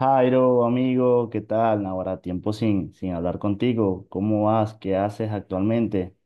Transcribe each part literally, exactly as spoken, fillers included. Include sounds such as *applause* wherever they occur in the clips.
Jairo, amigo, ¿qué tal? Ahora tiempo sin, sin hablar contigo. ¿Cómo vas? ¿Qué haces actualmente?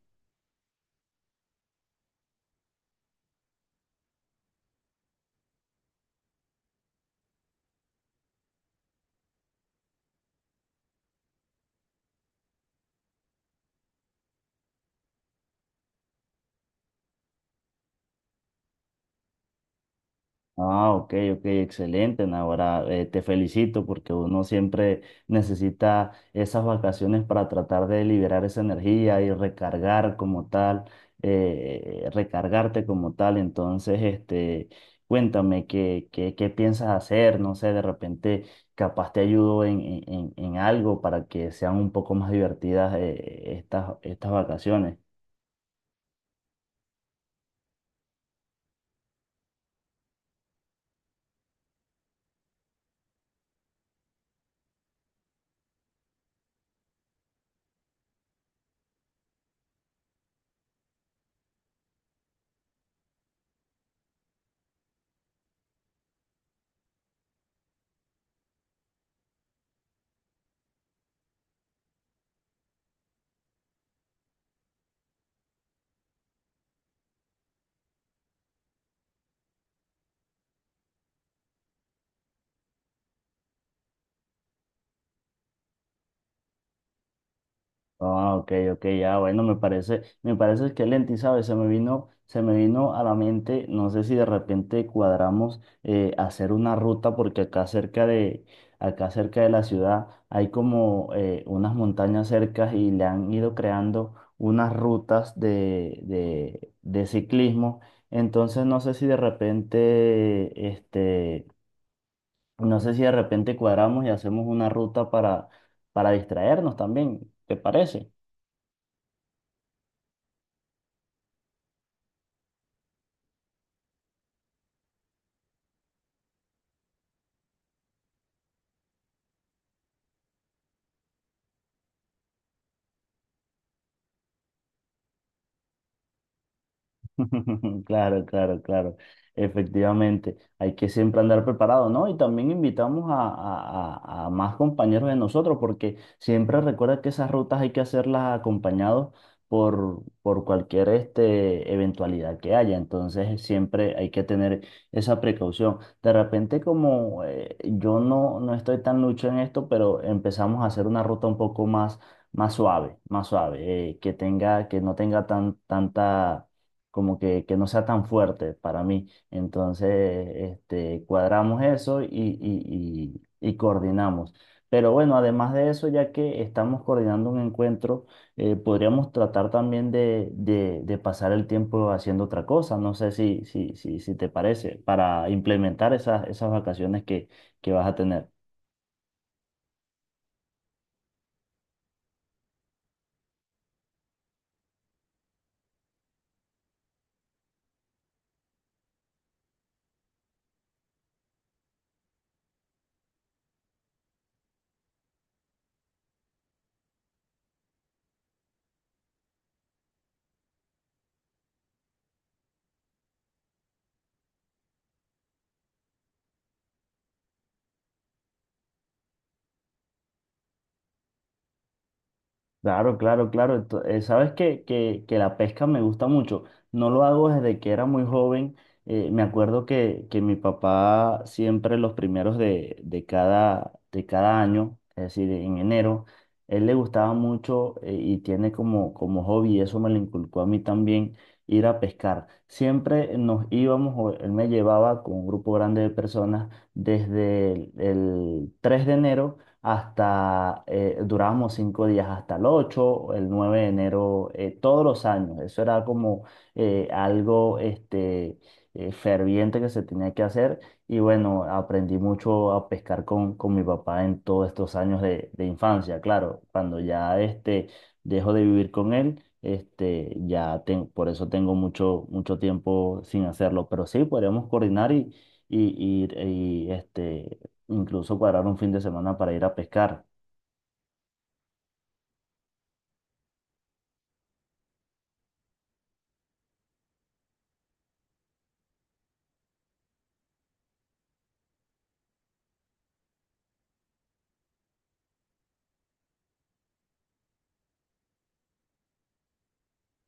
Ah, ok, ok, excelente. Ahora te felicito porque uno siempre necesita esas vacaciones para tratar de liberar esa energía y recargar como tal, eh, recargarte como tal. Entonces, este, cuéntame qué, qué, qué piensas hacer, no sé, de repente capaz te ayudo en, en, en en algo para que sean un poco más divertidas, eh, estas, estas vacaciones. Ah, ok, ok, ya, bueno, me parece, me parece excelente, y sabes, se me vino, se me vino a la mente, no sé si de repente cuadramos eh, hacer una ruta, porque acá cerca de, acá cerca de la ciudad hay como eh, unas montañas cercas y le han ido creando unas rutas de, de, de ciclismo. Entonces no sé si de repente, este, no sé si de repente cuadramos y hacemos una ruta para, para distraernos también, ¿te parece? *laughs* Claro, claro, claro. Efectivamente, hay que siempre andar preparado, ¿no? Y también invitamos a, a- a- a más compañeros de nosotros, porque siempre recuerda que esas rutas hay que hacerlas acompañados por, por cualquier este, eventualidad que haya. Entonces, siempre hay que tener esa precaución. De repente, como eh, yo no, no estoy tan lucho en esto, pero empezamos a hacer una ruta un poco más, más suave, más suave, eh, que tenga, que no tenga tan, tanta como que, que no sea tan fuerte para mí. Entonces, este, cuadramos eso y, y, y- y coordinamos. Pero bueno, además de eso, ya que estamos coordinando un encuentro, eh, podríamos tratar también de, de- de pasar el tiempo haciendo otra cosa. No sé si, si, si, si te parece, para implementar esas, esas vacaciones que, que vas a tener. Claro, claro, claro. Ento- eh, sabes que, que, que la pesca me gusta mucho. No lo hago desde que era muy joven. Eh, me acuerdo que, que mi papá siempre los primeros de, de cada, de cada año, es decir, en enero, él le gustaba mucho, eh, y tiene como, como hobby, y eso me lo inculcó a mí también, ir a pescar. Siempre nos íbamos, o él me llevaba con un grupo grande de personas desde el el tres de enero hasta, eh, durábamos cinco días hasta el ocho el nueve de enero, eh, todos los años. Eso era como eh, algo este, eh, ferviente que se tenía que hacer. Y bueno, aprendí mucho a pescar con, con mi papá en todos estos años de, de infancia. Claro, cuando ya este, dejo de vivir con él, este, ya ten-, por eso tengo mucho, mucho tiempo sin hacerlo. Pero sí, podríamos coordinar y, y, y- y, este, incluso cuadrar un fin de semana para ir a pescar.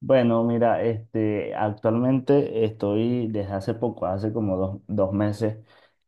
Bueno, mira, este, actualmente estoy desde hace poco, hace como dos, dos meses,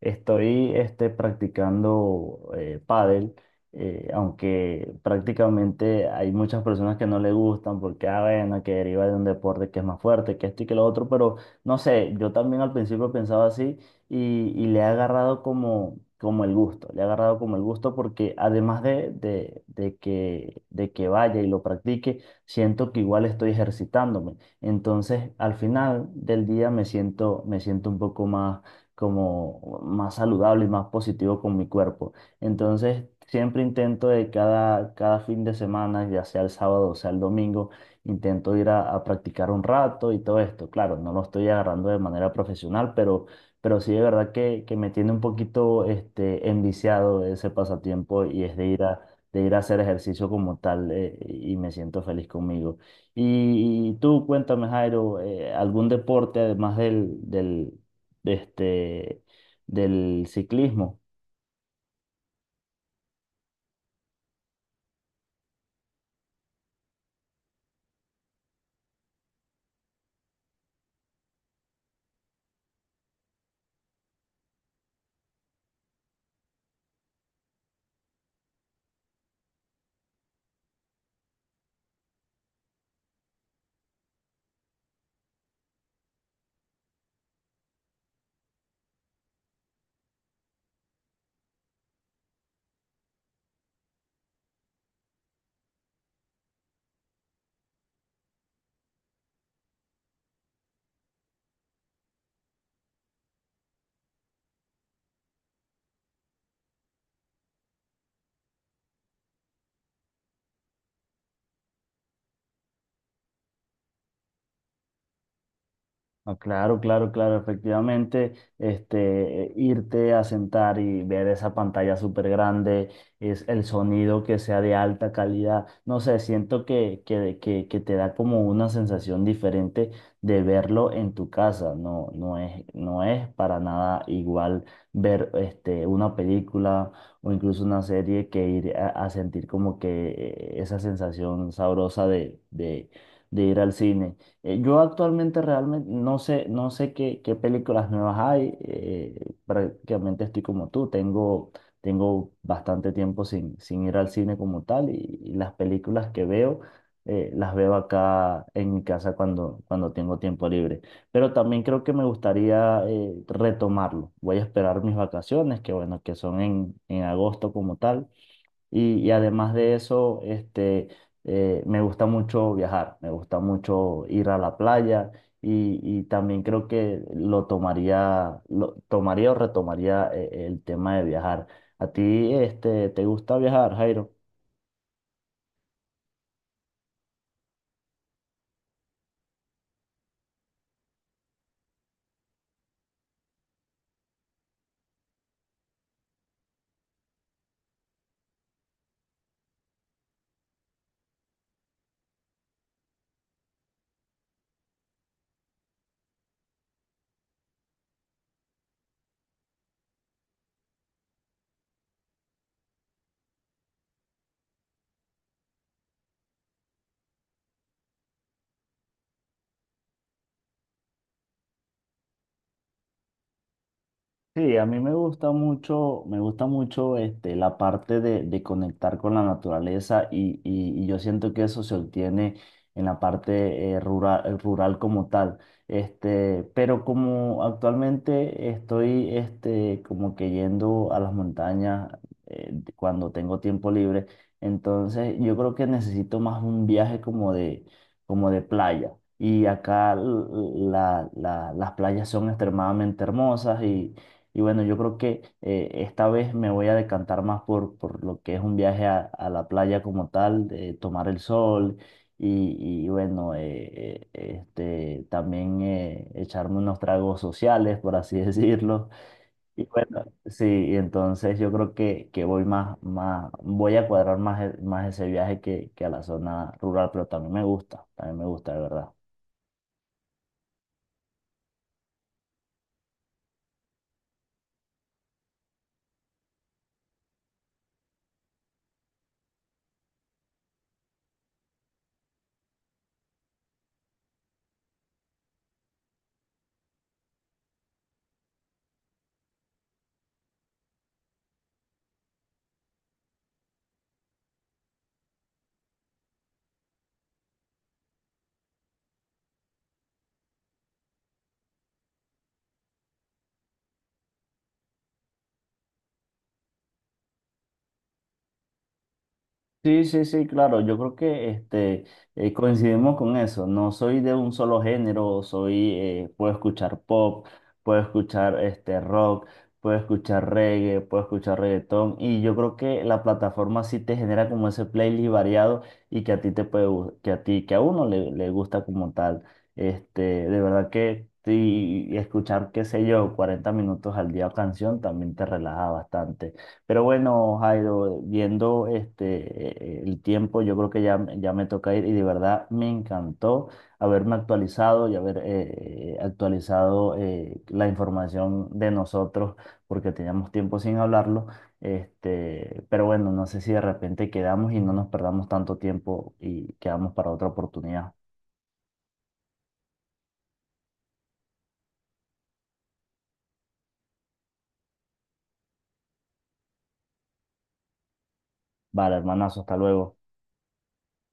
estoy este, practicando eh, pádel, eh, aunque prácticamente hay muchas personas que no le gustan porque, ah, bueno, que deriva de un deporte que es más fuerte, que esto y que lo otro, pero no sé, yo también al principio pensaba así y, y le he agarrado como, como el gusto, le he agarrado como el gusto porque además de, de, de que, de que vaya y lo practique, siento que igual estoy ejercitándome. Entonces, al final del día me siento, me siento un poco más como más saludable y más positivo con mi cuerpo. Entonces, siempre intento de cada, cada fin de semana, ya sea el sábado o sea el domingo, intento ir a, a practicar un rato y todo esto. Claro, no lo estoy agarrando de manera profesional, pero, pero sí de verdad que, que me tiene un poquito este, enviciado ese pasatiempo y es de ir a de ir a hacer ejercicio como tal, eh, y me siento feliz conmigo. Y, y tú cuéntame, Jairo, eh, ¿algún deporte además del, del, de este, del ciclismo? No, claro, claro, claro, efectivamente, este, irte a sentar y ver esa pantalla súper grande, es el sonido que sea de alta calidad, no sé, siento que, que, que, que te da como una sensación diferente de verlo en tu casa, no, no es, no es para nada igual ver este, una película o incluso una serie que ir a, a sentir como que eh, esa sensación sabrosa de, de de ir al cine. Eh, Yo actualmente realmente no sé, no sé qué, qué películas nuevas hay. Eh, prácticamente estoy como tú. Tengo, tengo bastante tiempo sin, sin ir al cine como tal y, y las películas que veo, eh, las veo acá en mi casa cuando, cuando tengo tiempo libre. Pero también creo que me gustaría, eh, retomarlo. Voy a esperar mis vacaciones, que bueno, que son en, en agosto como tal y, y además de eso, este, eh, me gusta mucho viajar, me gusta mucho ir a la playa y, y también creo que lo tomaría, lo tomaría o retomaría, eh, el tema de viajar. ¿A ti, este, te gusta viajar, Jairo? Sí, a mí me gusta mucho, me gusta mucho este, la parte de, de conectar con la naturaleza y, y- y yo siento que eso se obtiene en la parte, eh, rural, rural como tal. Este, pero como actualmente estoy este, como que yendo a las montañas, eh, de- cuando tengo tiempo libre, entonces yo creo que necesito más un viaje como de, como de playa. Y acá l- la- la- las playas son extremadamente hermosas y bueno, yo creo que, eh, esta vez me voy a decantar más por, por lo que es un viaje a, a la playa como tal, de tomar el sol y, y bueno, eh, eh, este, también, eh, echarme unos tragos sociales, por así *laughs* decirlo. Y bueno, sí, y entonces yo creo que, que voy más, más, voy a cuadrar más, e- más ese viaje que, que a la zona rural, pero también me gusta, también me gusta, de verdad. Sí, sí, sí, claro. Yo creo que este, eh, coincidimos con eso. No soy de un solo género, soy, eh, puedo escuchar pop, puedo escuchar este, rock, puedo escuchar reggae, puedo escuchar reggaetón. Y yo creo que la plataforma sí te genera como ese playlist variado y que a ti te puede, gu-, que a ti, que a uno le, le gusta como tal. Este, de verdad que sí, y escuchar, qué sé yo, cuarenta minutos al día canción también te relaja bastante. Pero bueno, Jairo, viendo este, eh, el tiempo, yo creo que ya, ya me toca ir y de verdad me encantó haberme actualizado y haber, eh, actualizado, eh, la información de nosotros porque teníamos tiempo sin hablarlo. Este, pero bueno, no sé si de repente quedamos y no nos perdamos tanto tiempo y quedamos para otra oportunidad. Vale, hermanazo, hasta luego.